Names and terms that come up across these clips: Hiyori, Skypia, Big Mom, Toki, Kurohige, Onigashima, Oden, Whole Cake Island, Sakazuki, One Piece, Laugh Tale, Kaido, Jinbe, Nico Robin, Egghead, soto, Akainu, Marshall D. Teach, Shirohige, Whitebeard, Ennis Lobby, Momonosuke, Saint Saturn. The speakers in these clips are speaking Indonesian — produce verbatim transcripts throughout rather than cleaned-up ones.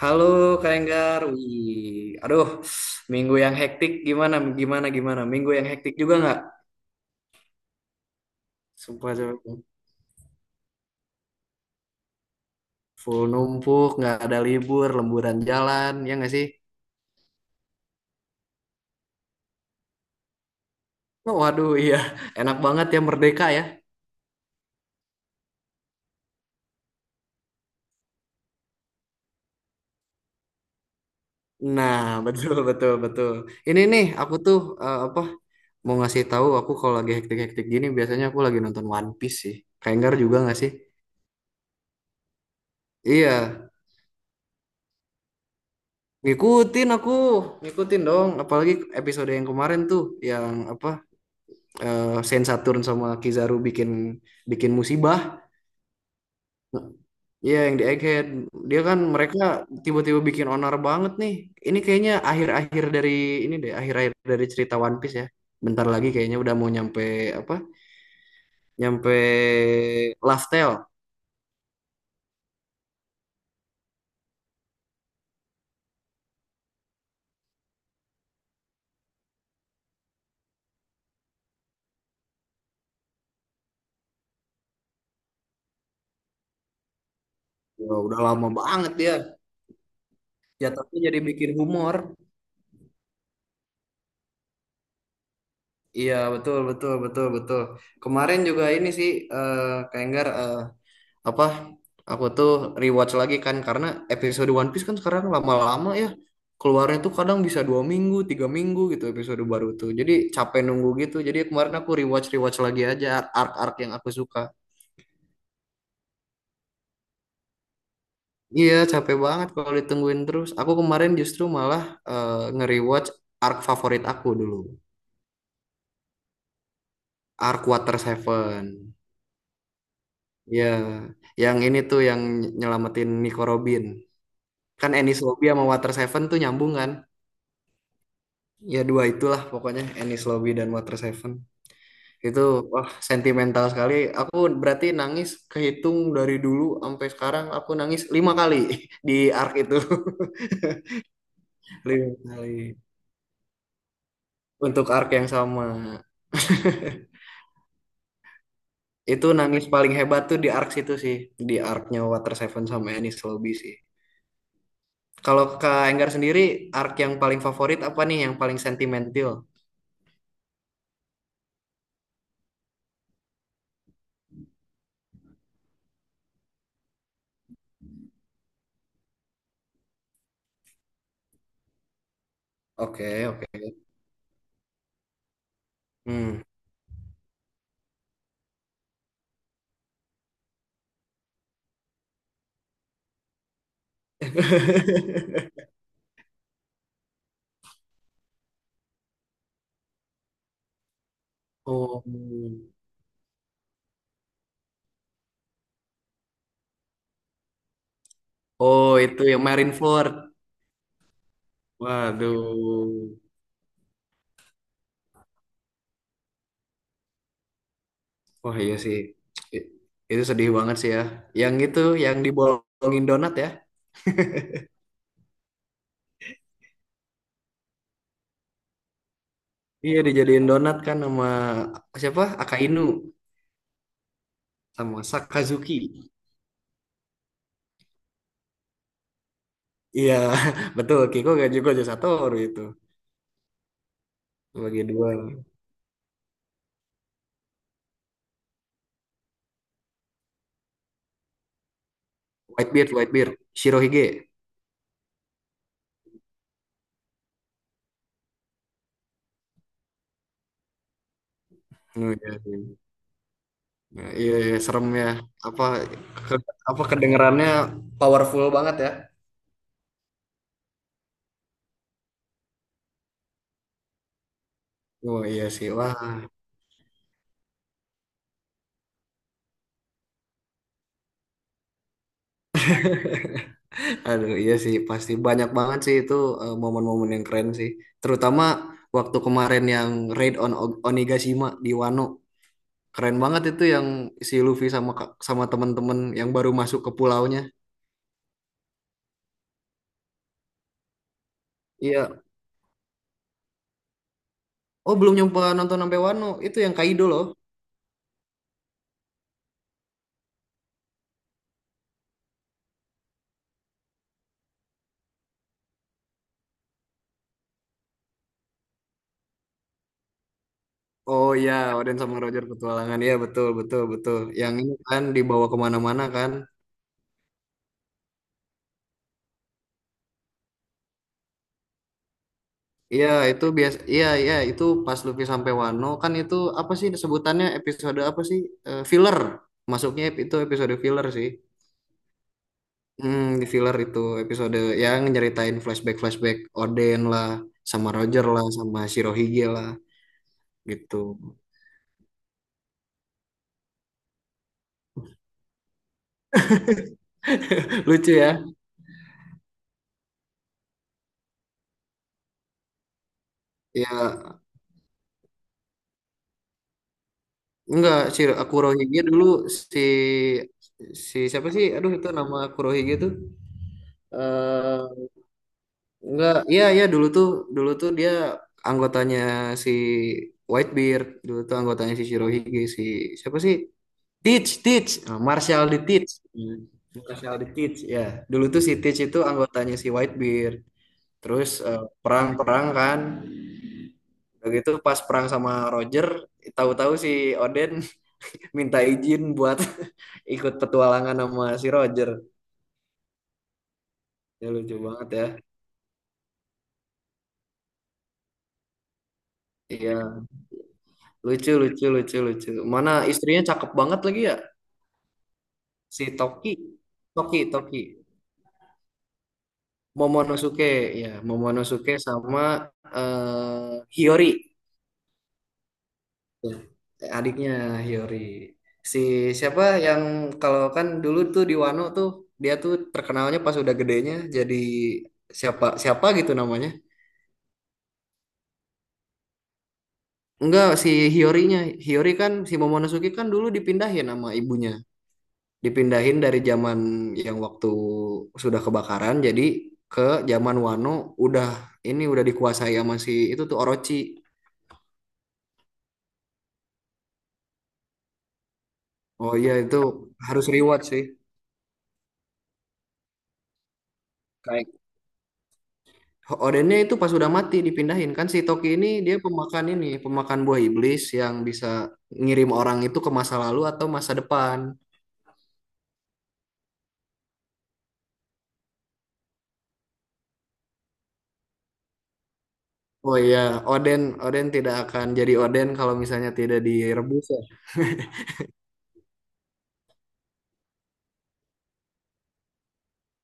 Halo Kak Enggar, wih, aduh, minggu yang hektik gimana, gimana, gimana, minggu yang hektik juga nggak? Sumpah, sumpah. Full numpuk, nggak ada libur, lemburan jalan, ya nggak sih? Oh, waduh, iya, enak banget ya merdeka ya. Nah, betul, betul, betul. Ini nih, aku tuh eh, apa mau ngasih tahu aku kalau lagi hektik-hektik gini biasanya aku lagi nonton One Piece sih. Kak Enggar juga nggak sih? Iya, ngikutin aku, ngikutin dong. Apalagi episode yang kemarin tuh, yang apa eh Saint Saturn sama Kizaru bikin bikin musibah. Iya yang di Egghead. Dia kan mereka tiba-tiba bikin onar banget nih. Ini kayaknya akhir-akhir dari ini deh, akhir-akhir dari cerita One Piece ya. Bentar lagi kayaknya udah mau nyampe apa? Nyampe Laugh Tale. Ya, udah lama banget dia. Ya tapi jadi bikin humor. Iya betul betul betul betul. Kemarin juga ini sih eh Kak Enggar, eh, apa aku tuh rewatch lagi kan karena episode One Piece kan sekarang lama-lama ya keluarnya tuh kadang bisa dua minggu tiga minggu gitu episode baru tuh. Jadi capek nunggu gitu. Jadi kemarin aku rewatch rewatch lagi aja arc-arc yang aku suka. Iya capek banget kalau ditungguin terus. Aku kemarin justru malah eh, nge-rewatch arc favorit aku dulu. Arc Water Seven. Iya, yang ini tuh yang nyelamatin Nico Robin. Kan Ennis Lobby sama Water Seven tuh nyambung kan? Ya dua itulah pokoknya Ennis Lobby dan Water Seven. Itu wah sentimental sekali. Aku berarti nangis kehitung dari dulu sampai sekarang aku nangis lima kali di arc itu. Lima kali. Untuk arc yang sama. Itu nangis paling hebat tuh di arc situ sih. Di arc-nya Water Seven sama Ennis Lobby sih. Kalau Kak Enggar sendiri, arc yang paling favorit apa nih? Yang paling sentimental? Oke, oke. Hmm. Oh, oh itu yang Marineford. Waduh. Wah iya sih. I- Itu sedih banget sih ya. Yang itu, yang dibolongin donat ya. Iya dijadiin donat kan sama siapa? Akainu sama Sakazuki. Iya, betul. Kiko gak juga Satoru itu. Bagi dua. Whitebeard, Whitebeard. Shirohige. Oh, iya sih. Ya, iya, iya, serem ya. Apa ke- apa kedengerannya powerful banget ya? Oh iya sih, wah, aduh iya sih, pasti banyak banget sih itu eh, momen-momen yang keren sih. Terutama waktu kemarin yang raid on O- Onigashima di Wano, keren banget itu yang si Luffy sama ka- sama teman-teman yang baru masuk ke pulaunya. Iya, oh belum nyoba nonton sampai Wano, itu yang Kaido loh. Oh iya, Oden sama Roger petualangan, iya betul betul betul. Yang ini kan dibawa kemana-mana kan? Iya, itu biasa. Iya, iya, itu pas Luffy sampai Wano kan itu apa sih sebutannya episode apa sih? Eh, filler. Masuknya ep- itu episode filler sih. Hmm, di filler itu episode yang nyeritain flashback-flashback Oden lah, sama Roger lah, sama Shirohige lah gitu. Lucu ya? Ya, enggak si Kurohige dulu si si siapa sih? Aduh, itu nama Kurohige tuh. Eh enggak, iya iya dulu tuh dulu tuh dia anggotanya si Whitebeard, dulu tuh anggotanya si Shirohige si siapa sih? Teach, Teach, nah, Marshall di Teach. Hmm. Marshall di Teach ya. Dulu tuh si Teach itu anggotanya si Whitebeard. Terus eh, perang-perang kan. Udah gitu pas perang sama Roger, tahu-tahu si Oden minta izin buat ikut petualangan sama si Roger. Ya lucu banget ya. Iya, lucu lucu lucu lucu. Mana istrinya cakep banget lagi ya? Si Toki, Toki, Toki, Momonosuke, ya, Momonosuke sama eh, Hiyori, tuh, adiknya Hiyori. Si siapa yang kalau kan dulu tuh di Wano tuh dia tuh terkenalnya pas udah gedenya jadi siapa siapa gitu namanya. Enggak, si Hiyorinya, Hiyori kan si Momonosuke kan dulu dipindahin sama ibunya dipindahin dari zaman yang waktu sudah kebakaran jadi ke zaman Wano udah ini udah dikuasai sama si itu tuh Orochi. Oh iya itu harus reward sih. Kayak Odennya itu pas udah mati dipindahin kan si Toki ini dia pemakan ini pemakan buah iblis yang bisa ngirim orang itu ke masa lalu atau masa depan. Oh iya, Oden Oden tidak akan jadi Oden kalau misalnya tidak direbus ya.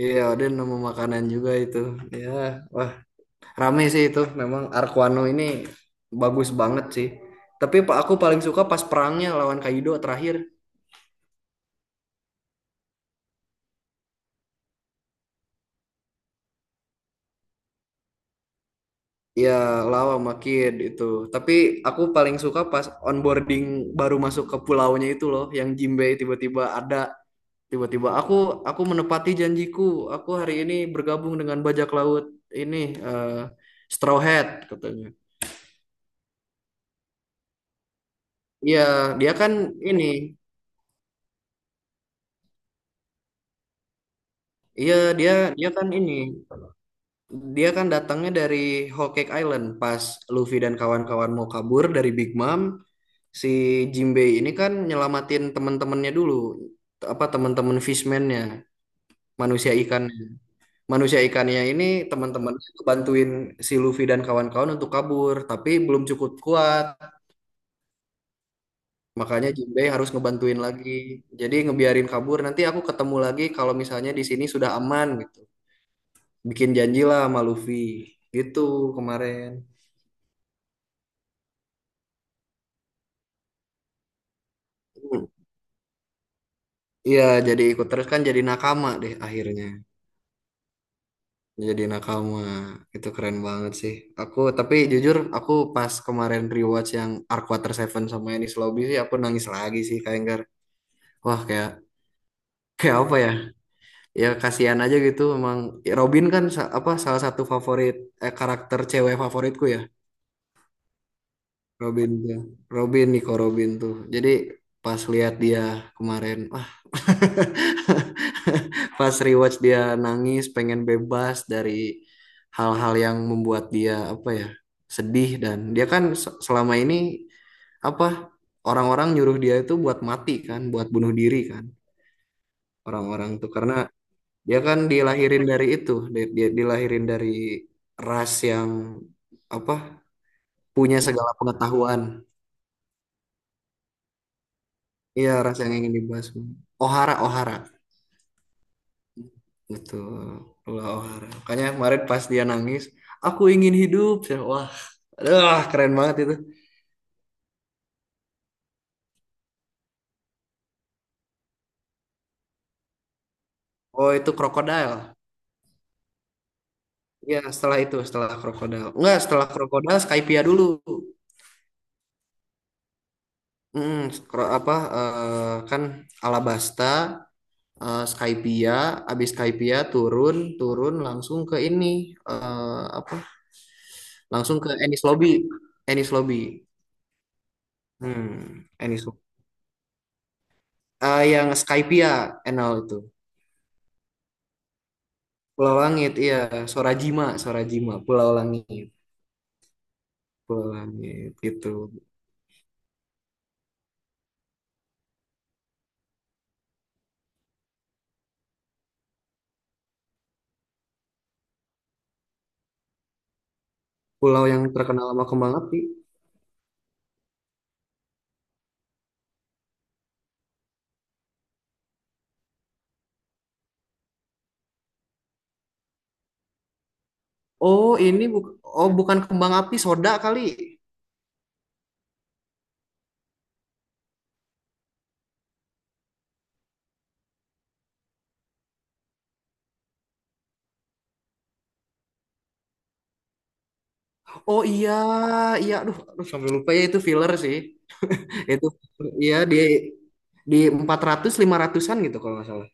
Iya, Oden nama makanan juga itu. Ya, wah rame sih itu memang Arkwano ini bagus banget sih. Tapi pa- aku paling suka pas perangnya lawan Kaido terakhir. Ya lawan sama Kid itu. Tapi aku paling suka pas onboarding baru masuk ke pulaunya itu loh, yang Jinbe tiba-tiba ada. Tiba-tiba aku aku menepati janjiku. Aku hari ini bergabung dengan bajak laut ini eh, Straw Hat katanya. Iya, dia kan ini. Iya, dia dia kan ini. Dia kan datangnya dari Whole Cake Island pas Luffy dan kawan-kawan mau kabur dari Big Mom, si Jinbei ini kan nyelamatin teman-temannya dulu, T- apa teman-teman fishman-nya, manusia ikannya. Manusia ikannya ini teman-teman bantuin si Luffy dan kawan-kawan untuk kabur, tapi belum cukup kuat. Makanya Jinbei harus ngebantuin lagi. Jadi ngebiarin kabur, nanti aku ketemu lagi kalau misalnya di sini sudah aman gitu. Bikin janji lah sama Luffy. Gitu kemarin. Iya, jadi ikut terus kan jadi nakama deh akhirnya. Jadi nakama. Itu keren banget sih. Aku tapi jujur aku pas kemarin rewatch yang Arc Water Seven sama Enies Lobby sih aku nangis lagi sih kayak enggak. Wah, kayak kayak apa ya? Ya kasihan aja gitu memang Robin kan sa- apa salah satu favorit eh, karakter cewek favoritku ya. Robin ya. Robin Nico Robin tuh. Jadi pas lihat dia kemarin, pas rewatch dia nangis, pengen bebas dari hal-hal yang membuat dia apa ya sedih dan dia kan se- selama ini apa orang-orang nyuruh dia itu buat mati kan, buat bunuh diri kan orang-orang tuh karena dia kan dilahirin dari itu, dia, dia dilahirin dari ras yang apa punya segala pengetahuan. Iya, ras yang ingin dibahas. Ohara, Ohara. Betul, olahraga. Makanya kemarin pas dia nangis, aku ingin hidup. Saya, wah, aduh, keren banget itu. Oh, itu krokodil. Iya, setelah itu, setelah krokodil. Enggak, setelah krokodil Skypia dulu. Hmm, kro- apa eh, kan Alabasta, eh, Skypia, abis Skypia turun, turun langsung ke ini eh, apa? Langsung ke Ennis Lobby, Ennis Lobby. Hmm, Ennis Lobby. Eh, yang Skypia, N L itu. Pulau Langit, iya. Sorajima, Sorajima, Pulau Langit, Pulau Langit gitu. Pulau yang terkenal sama kembang api. Oh, ini bu oh bukan kembang api, soda kali. Oh iya, iya. Aduh, aduh sampai lupa ya itu filler sih. Itu iya di di empat ratus lima ratusan-an gitu kalau nggak salah.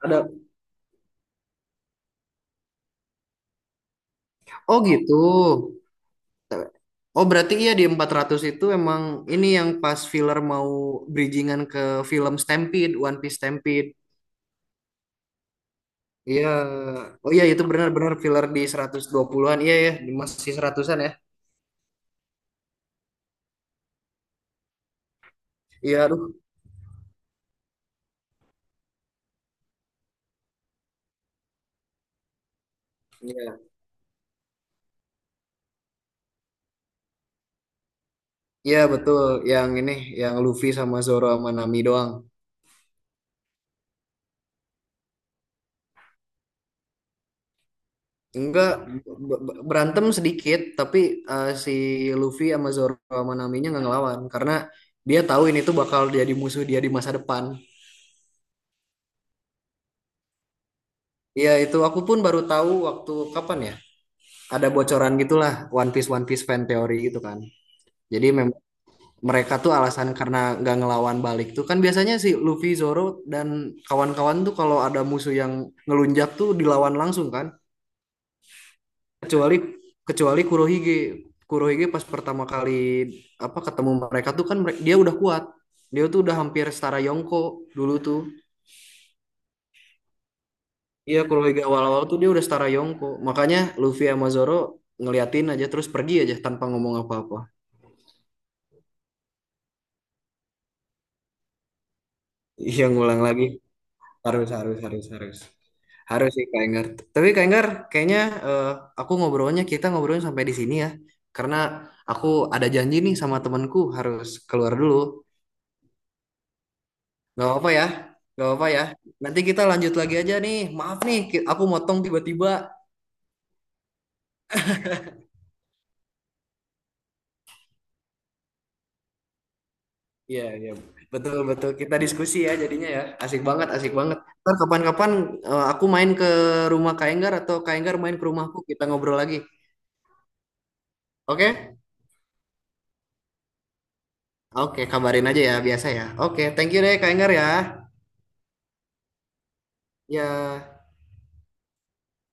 Ada oh gitu. Oh berarti iya di empat ratus itu emang ini yang pas filler mau bridgingan ke film Stampede, One Piece Stampede. Iya, oh iya itu benar-benar filler di seratus dua puluhan-an. Iya ya, di masih seratusan an ya. Iya, aduh. Iya. Iya, betul. Yang ini yang Luffy sama Zoro sama Nami doang. Enggak b- b- berantem sedikit, tapi eh, si Luffy sama Zoro sama Naminya nggak ngelawan karena dia tahu ini tuh bakal jadi musuh dia di masa depan. Iya, itu aku pun baru tahu waktu kapan ya? Ada bocoran gitulah One Piece One Piece fan theory gitu kan. Jadi mereka tuh alasan karena nggak ngelawan balik tuh kan biasanya si Luffy, Zoro dan kawan-kawan tuh kalau ada musuh yang ngelunjak tuh dilawan langsung kan kecuali kecuali Kurohige. Kurohige pas pertama kali apa ketemu mereka tuh kan mereka, dia udah kuat dia tuh udah hampir setara Yonko dulu tuh iya Kurohige awal-awal tuh dia udah setara Yonko makanya Luffy sama Zoro ngeliatin aja terus pergi aja tanpa ngomong apa-apa iya ngulang lagi harus harus harus harus. Harus sih Kak Enggar. Tapi Kak Enggar, kayaknya eh, aku ngobrolnya kita ngobrolnya sampai di sini ya. Karena aku ada janji nih sama temanku harus keluar dulu. Gak apa-apa ya, gak apa-apa ya. Nanti kita lanjut lagi aja nih. Maaf nih, ki- aku motong tiba-tiba. Iya, iya. Betul, betul. Kita diskusi ya jadinya ya. Asik banget, asik banget. Ntar kapan-kapan eh, aku main ke rumah Kak Enggar atau Kak Enggar main ke rumahku, kita ngobrol lagi. Oke? Oke, kabarin aja ya, biasa ya. Oke, thank you deh Kak Enggar ya. Ya.